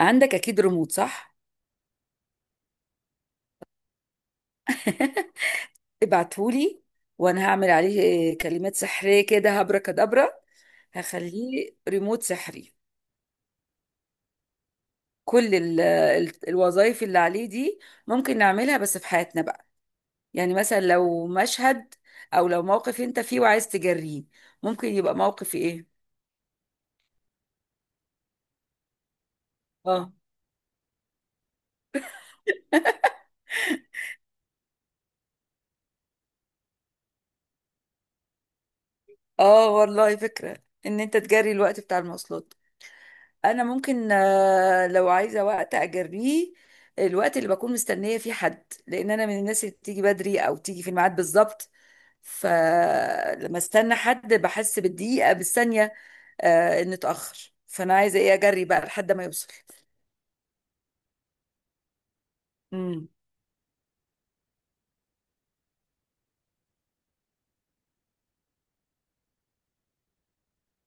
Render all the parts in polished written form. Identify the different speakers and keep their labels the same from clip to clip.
Speaker 1: عندك اكيد ريموت، صح؟ ابعتهولي، وانا هعمل عليه كلمات سحرية كده، هبرة كدبرة. هخليه ريموت سحري. كل الوظائف اللي عليه دي ممكن نعملها بس في حياتنا بقى. يعني مثلا لو مشهد، او لو موقف انت فيه وعايز تجريه، ممكن يبقى موقف ايه؟ اه، اه، والله فكرة ان انت تجري الوقت بتاع المواصلات. انا ممكن لو عايزه وقت اجريه، الوقت اللي بكون مستنيه فيه حد، لان انا من الناس اللي بتيجي بدري او تيجي في الميعاد بالظبط، فلما استنى حد بحس بالدقيقه بالثانيه. ان اتاخر، فانا عايزه ايه؟ اجري بقى لحد ما يوصل. امم.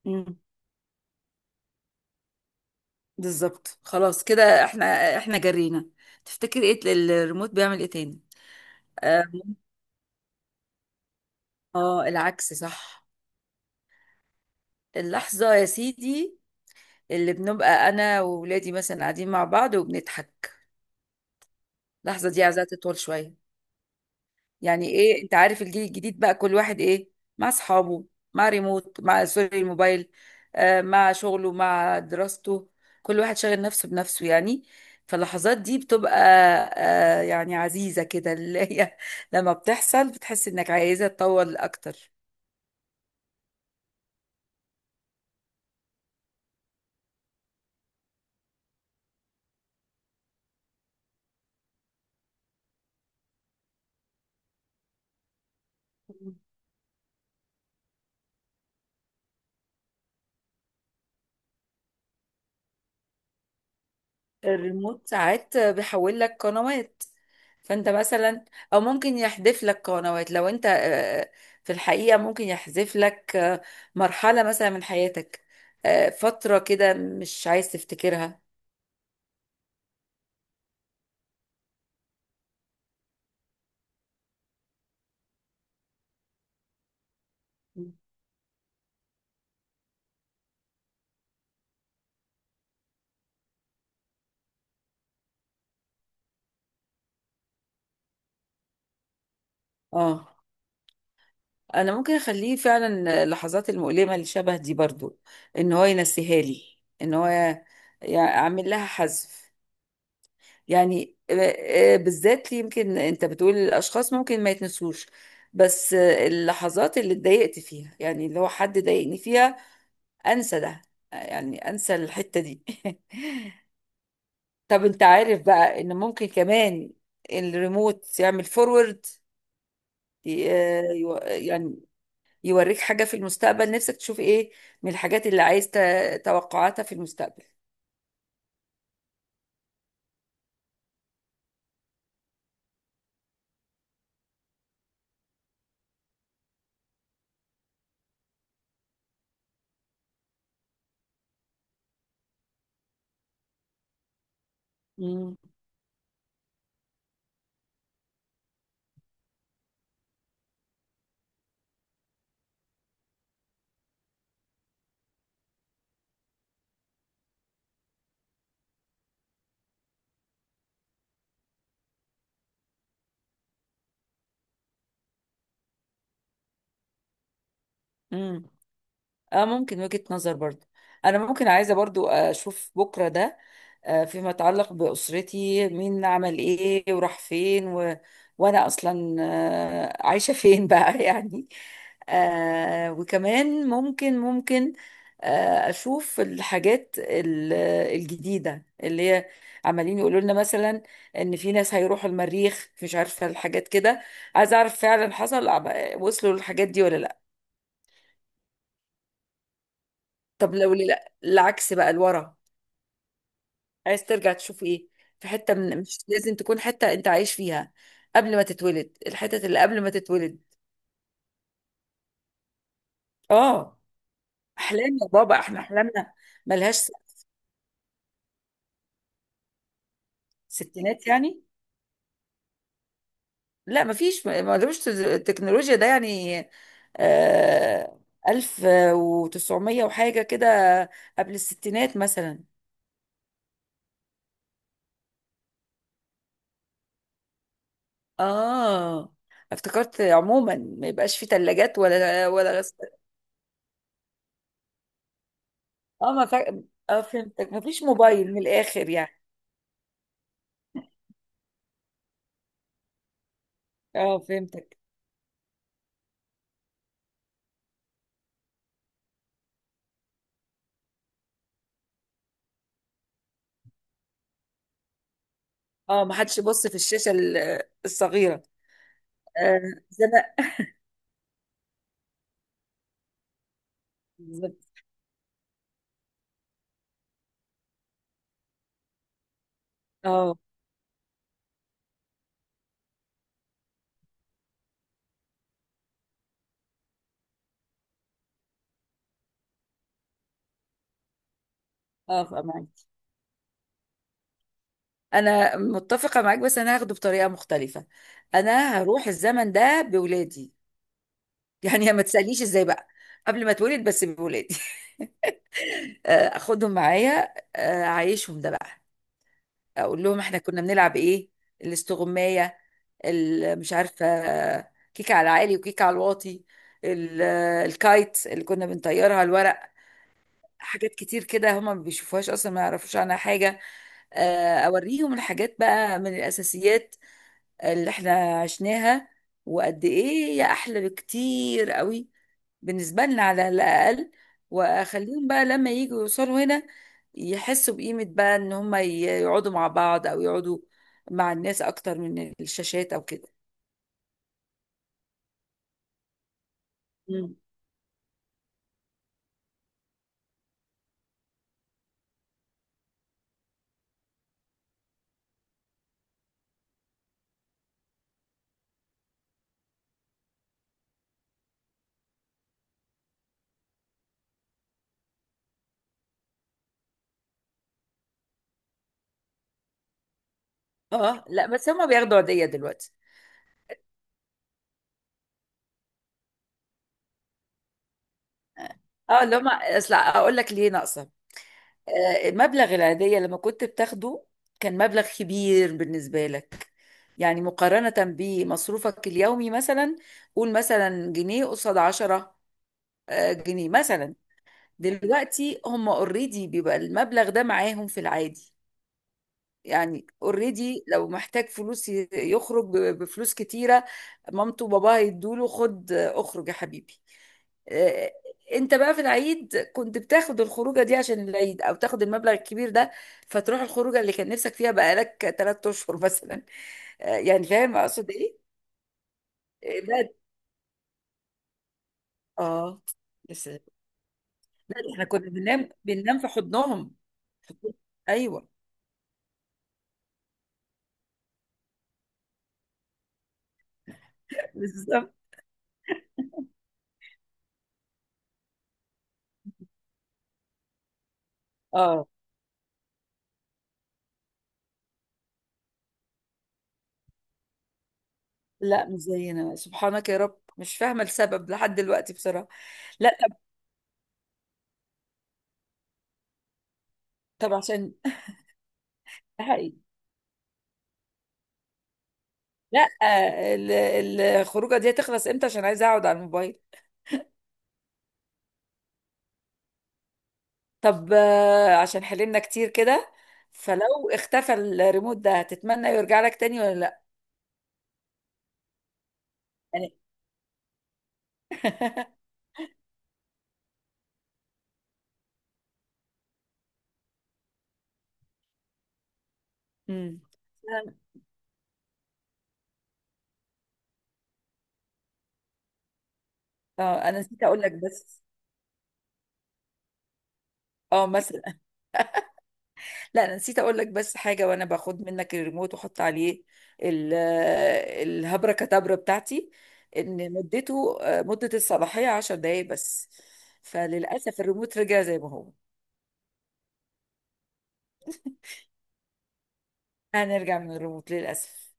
Speaker 1: امم. بالظبط، خلاص كده احنا جرينا. تفتكر ايه الريموت بيعمل ايه تاني؟ اه. العكس صح. اللحظه يا سيدي اللي بنبقى انا وولادي مثلا قاعدين مع بعض وبنضحك، اللحظة دي عايزاها تطول شوية. يعني ايه، انت عارف الجيل الجديد بقى كل واحد ايه، مع اصحابه، مع ريموت، مع سوري الموبايل، مع شغله مع دراسته، كل واحد شاغل نفسه بنفسه يعني. فاللحظات دي بتبقى يعني عزيزة كده، اللي هي لما بتحصل بتحس انك عايزة تطول اكتر. الريموت ساعات بيحول لك قنوات فانت مثلا، او ممكن يحذف لك قنوات لو انت، في الحقيقة، ممكن يحذف لك مرحلة مثلا من حياتك، فترة كده مش عايز تفتكرها. اه، انا ممكن اخليه فعلا اللحظات المؤلمة اللي شبه دي برضو، ان هو ينسيها لي، ان هو يعمل لها حذف. يعني بالذات ليه؟ يمكن انت بتقول الاشخاص ممكن ما يتنسوش، بس اللحظات اللي اتضايقت فيها، يعني اللي هو حد ضايقني فيها، انسى ده. يعني انسى الحتة دي. طب انت عارف بقى ان ممكن كمان الريموت يعمل فورورد، يعني يوريك حاجة في المستقبل نفسك تشوف ايه من الحاجات اللي عايز توقعاتها في المستقبل. امم. اه، ممكن وجهة نظر برضو. انا ممكن عايزة برضو اشوف بكرة ده، فيما يتعلق بأسرتي مين عمل ايه وراح فين وانا اصلا عايشة فين بقى؟ يعني. وكمان ممكن اشوف الحاجات الجديدة اللي هي عمالين يقولوا لنا مثلا ان في ناس هيروحوا المريخ، مش عارفة الحاجات كده، عايزة اعرف فعلا حصل؟ وصلوا للحاجات دي ولا لا؟ طب لو العكس بقى لورا، عايز ترجع تشوف ايه؟ في حتة، من مش لازم تكون حتة انت عايش فيها، قبل ما تتولد، الحتت اللي قبل ما تتولد. اه. احلام يا بابا، احنا احلامنا ملهاش. ستينات يعني؟ لا، مفيش، ملوش التكنولوجيا ده يعني. آه، ألف وتسعمية وحاجة كده، قبل الستينات مثلا. اه، افتكرت عموما ما يبقاش في تلاجات ولا. اه، ما فا... اه، فهمتك، مفيش موبايل من الاخر يعني. اه، فهمتك. اه، ما حدش يبص في الشاشه الصغيره آه، زمان. بالظبط. اه. اه، معاك. انا متفقه معاك، بس انا هاخده بطريقه مختلفه. انا هروح الزمن ده بولادي. يعني ما تسالنيش ازاي بقى، قبل ما اتولد، بس بولادي. اخدهم معايا، اعيشهم ده بقى. اقول لهم احنا كنا بنلعب ايه، الاستغمايه، مش عارفة، كيك على العالي وكيك على الواطي، ال- الكايت اللي كنا بنطيرها الورق. حاجات كتير كده هما ما بيشوفوهاش اصلا، ما يعرفوش عنها حاجة. اوريهم الحاجات بقى من الاساسيات اللي احنا عشناها، وقد ايه هي احلى بكتير قوي بالنسبة لنا على الاقل. واخليهم بقى لما يجوا يوصلوا هنا يحسوا بقيمة بقى ان هما يقعدوا مع بعض، او يقعدوا مع الناس اكتر من الشاشات او كده. اه، لا، بس هما بياخدوا عيدية دلوقتي. اه، اللي هما، اصل اقول لك ليه ناقصة. آه، مبلغ العيدية لما كنت بتاخده كان مبلغ كبير بالنسبة لك، يعني مقارنة بمصروفك اليومي مثلا، قول مثلا جنيه قصاد عشرة، جنيه مثلا. دلوقتي هم اوريدي بيبقى المبلغ ده معاهم في العادي، يعني اوريدي لو محتاج فلوس يخرج بفلوس كتيرة. مامته وباباه هيدوله: خد اخرج يا حبيبي. آه، انت بقى في العيد كنت بتاخد الخروجة دي عشان العيد، او تاخد المبلغ الكبير ده فتروح الخروجة اللي كان نفسك فيها بقالك ثلاث اشهر مثلا. آه، يعني فاهم اقصد ايه؟ آه، لا. اه، بس لا، احنا كنا بننام في حضنهم. ايوه. بالظبط. اه. لا، مش زينا، سبحانك يا رب مش فاهمة السبب لحد دلوقتي بصراحة. لا. طب عشان ده حقيقي. لا، الخروجة دي هتخلص امتى عشان عايزة اقعد على الموبايل؟ طب عشان حللنا كتير كده، فلو اختفى الريموت ده هتتمنى يرجع لك تاني ولا لا؟ يعني. امم. اه، انا نسيت اقول لك بس. اه، مثلا، لا، انا نسيت اقول لك بس حاجه، وانا باخد منك الريموت واحط عليه ال- الهبره كتبره بتاعتي، ان مدته مده الصلاحيه 10 دقائق بس. فللاسف الريموت رجع زي ما هو. هنرجع من الريموت للاسف.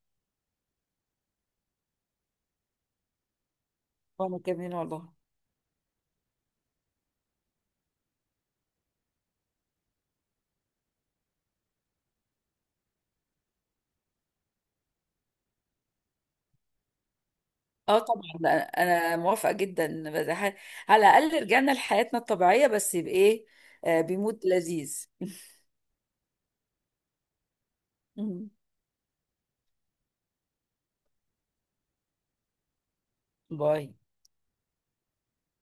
Speaker 1: وانا كمان والله. اه، طبعا لا، انا موافقه جدا، بس على الاقل رجعنا لحياتنا الطبيعيه، بس بايه؟ آه، بمود لذيذ. باي.